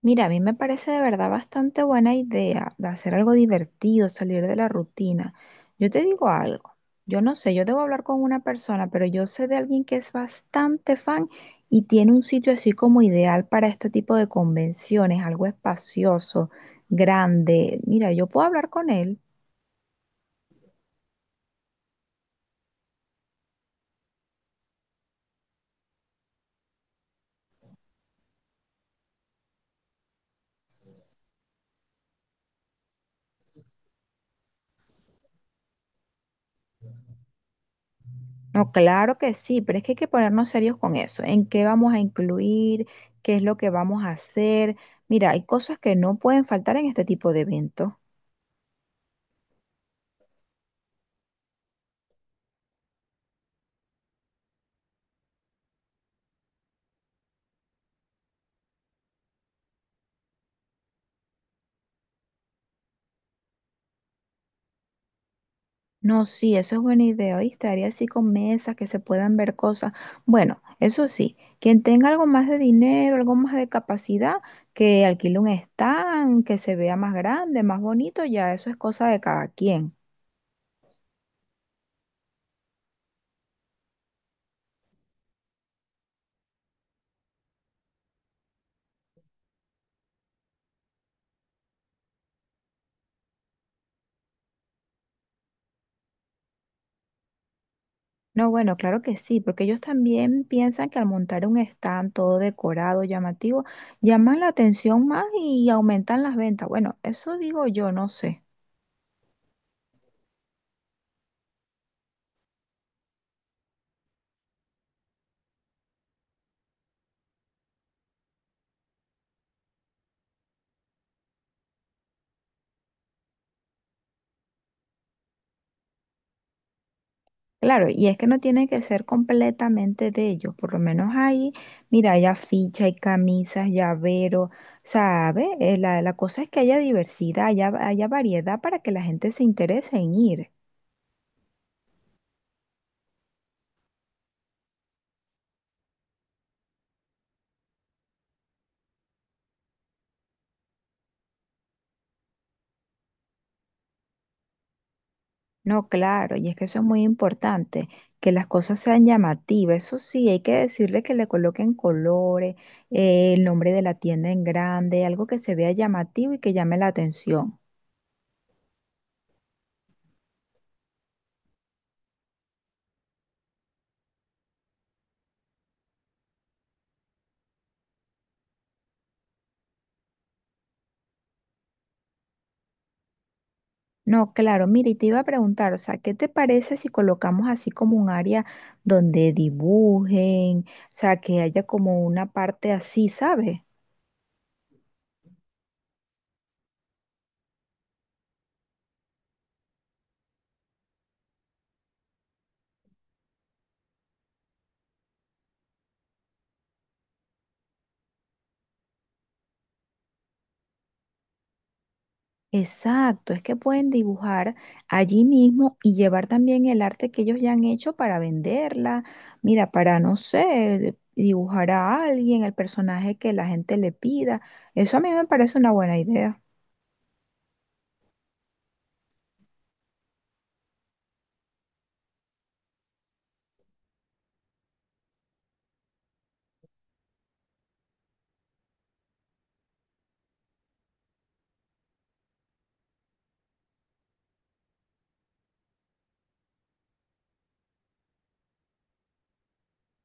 Mira, a mí me parece de verdad bastante buena idea de hacer algo divertido, salir de la rutina. Yo te digo algo, yo no sé, yo debo hablar con una persona, pero yo sé de alguien que es bastante fan y tiene un sitio así como ideal para este tipo de convenciones, algo espacioso, grande. Mira, yo puedo hablar con él. No, claro que sí, pero es que hay que ponernos serios con eso. ¿En qué vamos a incluir? ¿Qué es lo que vamos a hacer? Mira, hay cosas que no pueden faltar en este tipo de eventos. No, sí, eso es buena idea, ¿oíste? Haría así con mesas que se puedan ver cosas. Bueno, eso sí, quien tenga algo más de dinero, algo más de capacidad, que alquile un stand, que se vea más grande, más bonito, ya eso es cosa de cada quien. No, bueno, claro que sí, porque ellos también piensan que al montar un stand todo decorado, llamativo, llaman la atención más y aumentan las ventas. Bueno, eso digo yo, no sé. Claro, y es que no tiene que ser completamente de ellos, por lo menos ahí, mira, hay afiches, hay camisas, llaveros, ¿sabe? La cosa es que haya diversidad, haya, haya variedad para que la gente se interese en ir. No, claro, y es que eso es muy importante, que las cosas sean llamativas, eso sí, hay que decirle que le coloquen colores, el nombre de la tienda en grande, algo que se vea llamativo y que llame la atención. No, claro, mira, y te iba a preguntar, o sea, ¿qué te parece si colocamos así como un área donde dibujen, o sea, que haya como una parte así, ¿sabes? Exacto, es que pueden dibujar allí mismo y llevar también el arte que ellos ya han hecho para venderla, mira, para, no sé, dibujar a alguien, el personaje que la gente le pida. Eso a mí me parece una buena idea.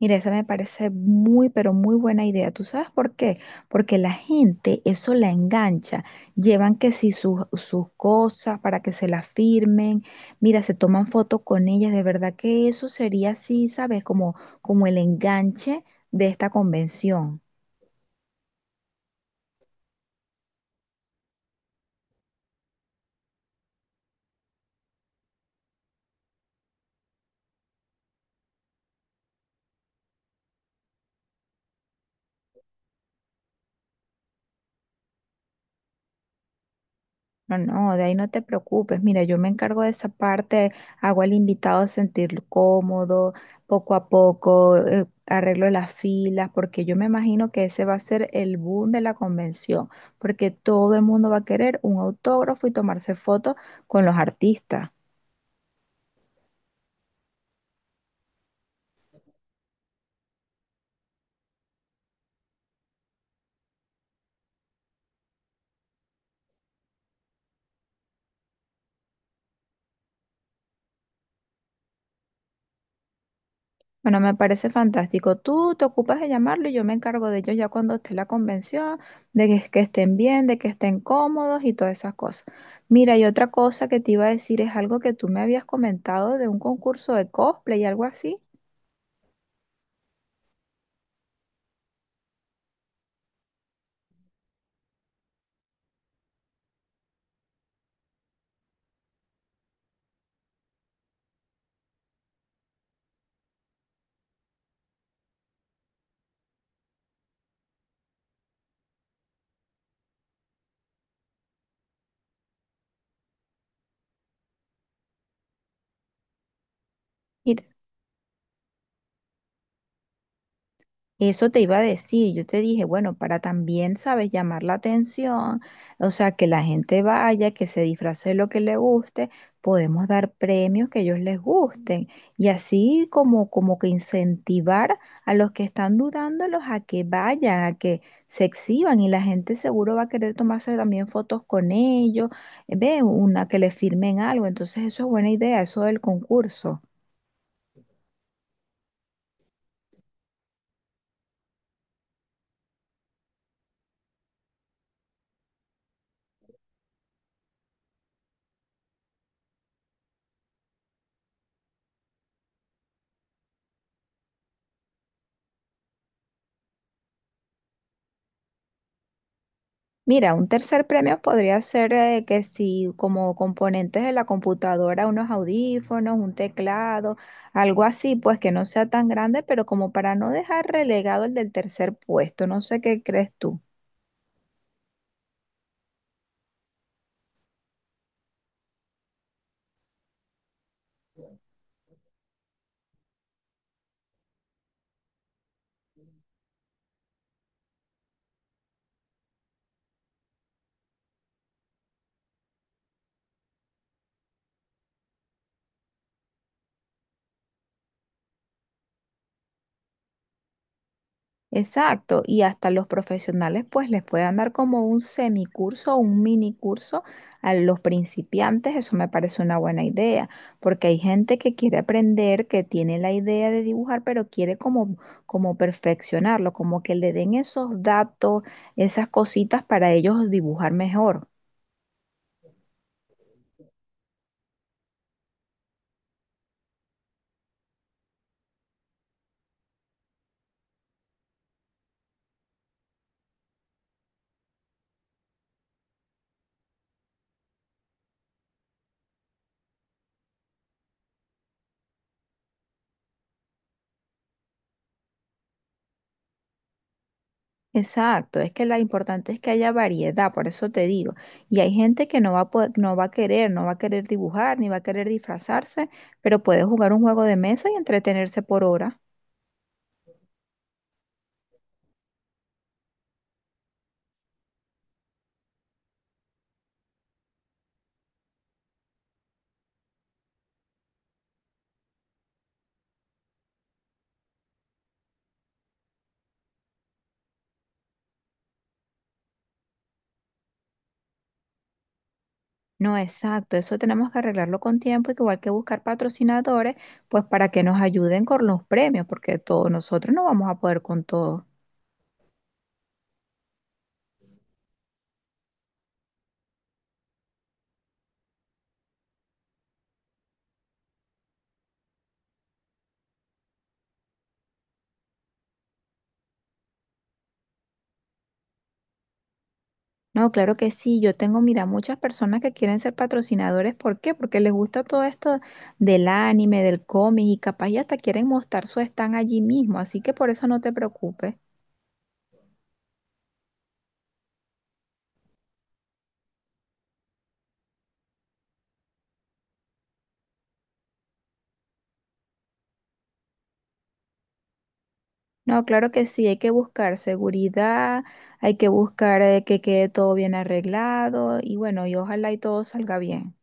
Mira, esa me parece muy, pero muy buena idea. ¿Tú sabes por qué? Porque la gente eso la engancha. Llevan que si sus cosas para que se las firmen. Mira, se toman fotos con ellas. De verdad que eso sería así, ¿sabes? Como, como el enganche de esta convención. No, no, de ahí no te preocupes. Mira, yo me encargo de esa parte, hago al invitado sentirlo cómodo, poco a poco, arreglo las filas, porque yo me imagino que ese va a ser el boom de la convención, porque todo el mundo va a querer un autógrafo y tomarse fotos con los artistas. Bueno, me parece fantástico. Tú te ocupas de llamarlo y yo me encargo de ellos ya cuando esté la convención, de que estén bien, de que estén cómodos y todas esas cosas. Mira, y otra cosa. Eso te iba a decir, yo te dije, bueno, para también, ¿sabes?, llamar la atención, o sea, que la gente vaya, que se disfrace de lo que le guste, podemos dar premios que a ellos les gusten y así como, como que incentivar a los que están dudándolos a que vayan, a que se exhiban y la gente seguro va a querer tomarse también fotos con ellos, ve, una que le firmen algo, entonces eso es buena idea, eso del concurso. Mira, un tercer premio podría ser que si como componentes de la computadora, unos audífonos, un teclado, algo así, pues que no sea tan grande, pero como para no dejar relegado el del tercer puesto, no sé qué crees tú. Exacto, y hasta los profesionales pues les puedan dar como un semicurso o un minicurso a los principiantes, eso me parece una buena idea, porque hay gente que quiere aprender, que tiene la idea de dibujar, pero quiere como, como perfeccionarlo, como que le den esos datos, esas cositas para ellos dibujar mejor. Exacto, es que lo importante es que haya variedad, por eso te digo. Y hay gente que no va a querer, no va a querer dibujar, ni va a querer disfrazarse, pero puede jugar un juego de mesa y entretenerse por hora. No, exacto, eso tenemos que arreglarlo con tiempo, y que igual que buscar patrocinadores, pues para que nos ayuden con los premios, porque todos nosotros no vamos a poder con todo. No, claro que sí. Yo tengo, mira, muchas personas que quieren ser patrocinadores. ¿Por qué? Porque les gusta todo esto del anime, del cómic y capaz y hasta quieren mostrar su stand allí mismo. Así que por eso no te preocupes. No, claro que sí. Hay que buscar seguridad, hay que buscar que quede todo bien arreglado y bueno, y ojalá y todo salga bien.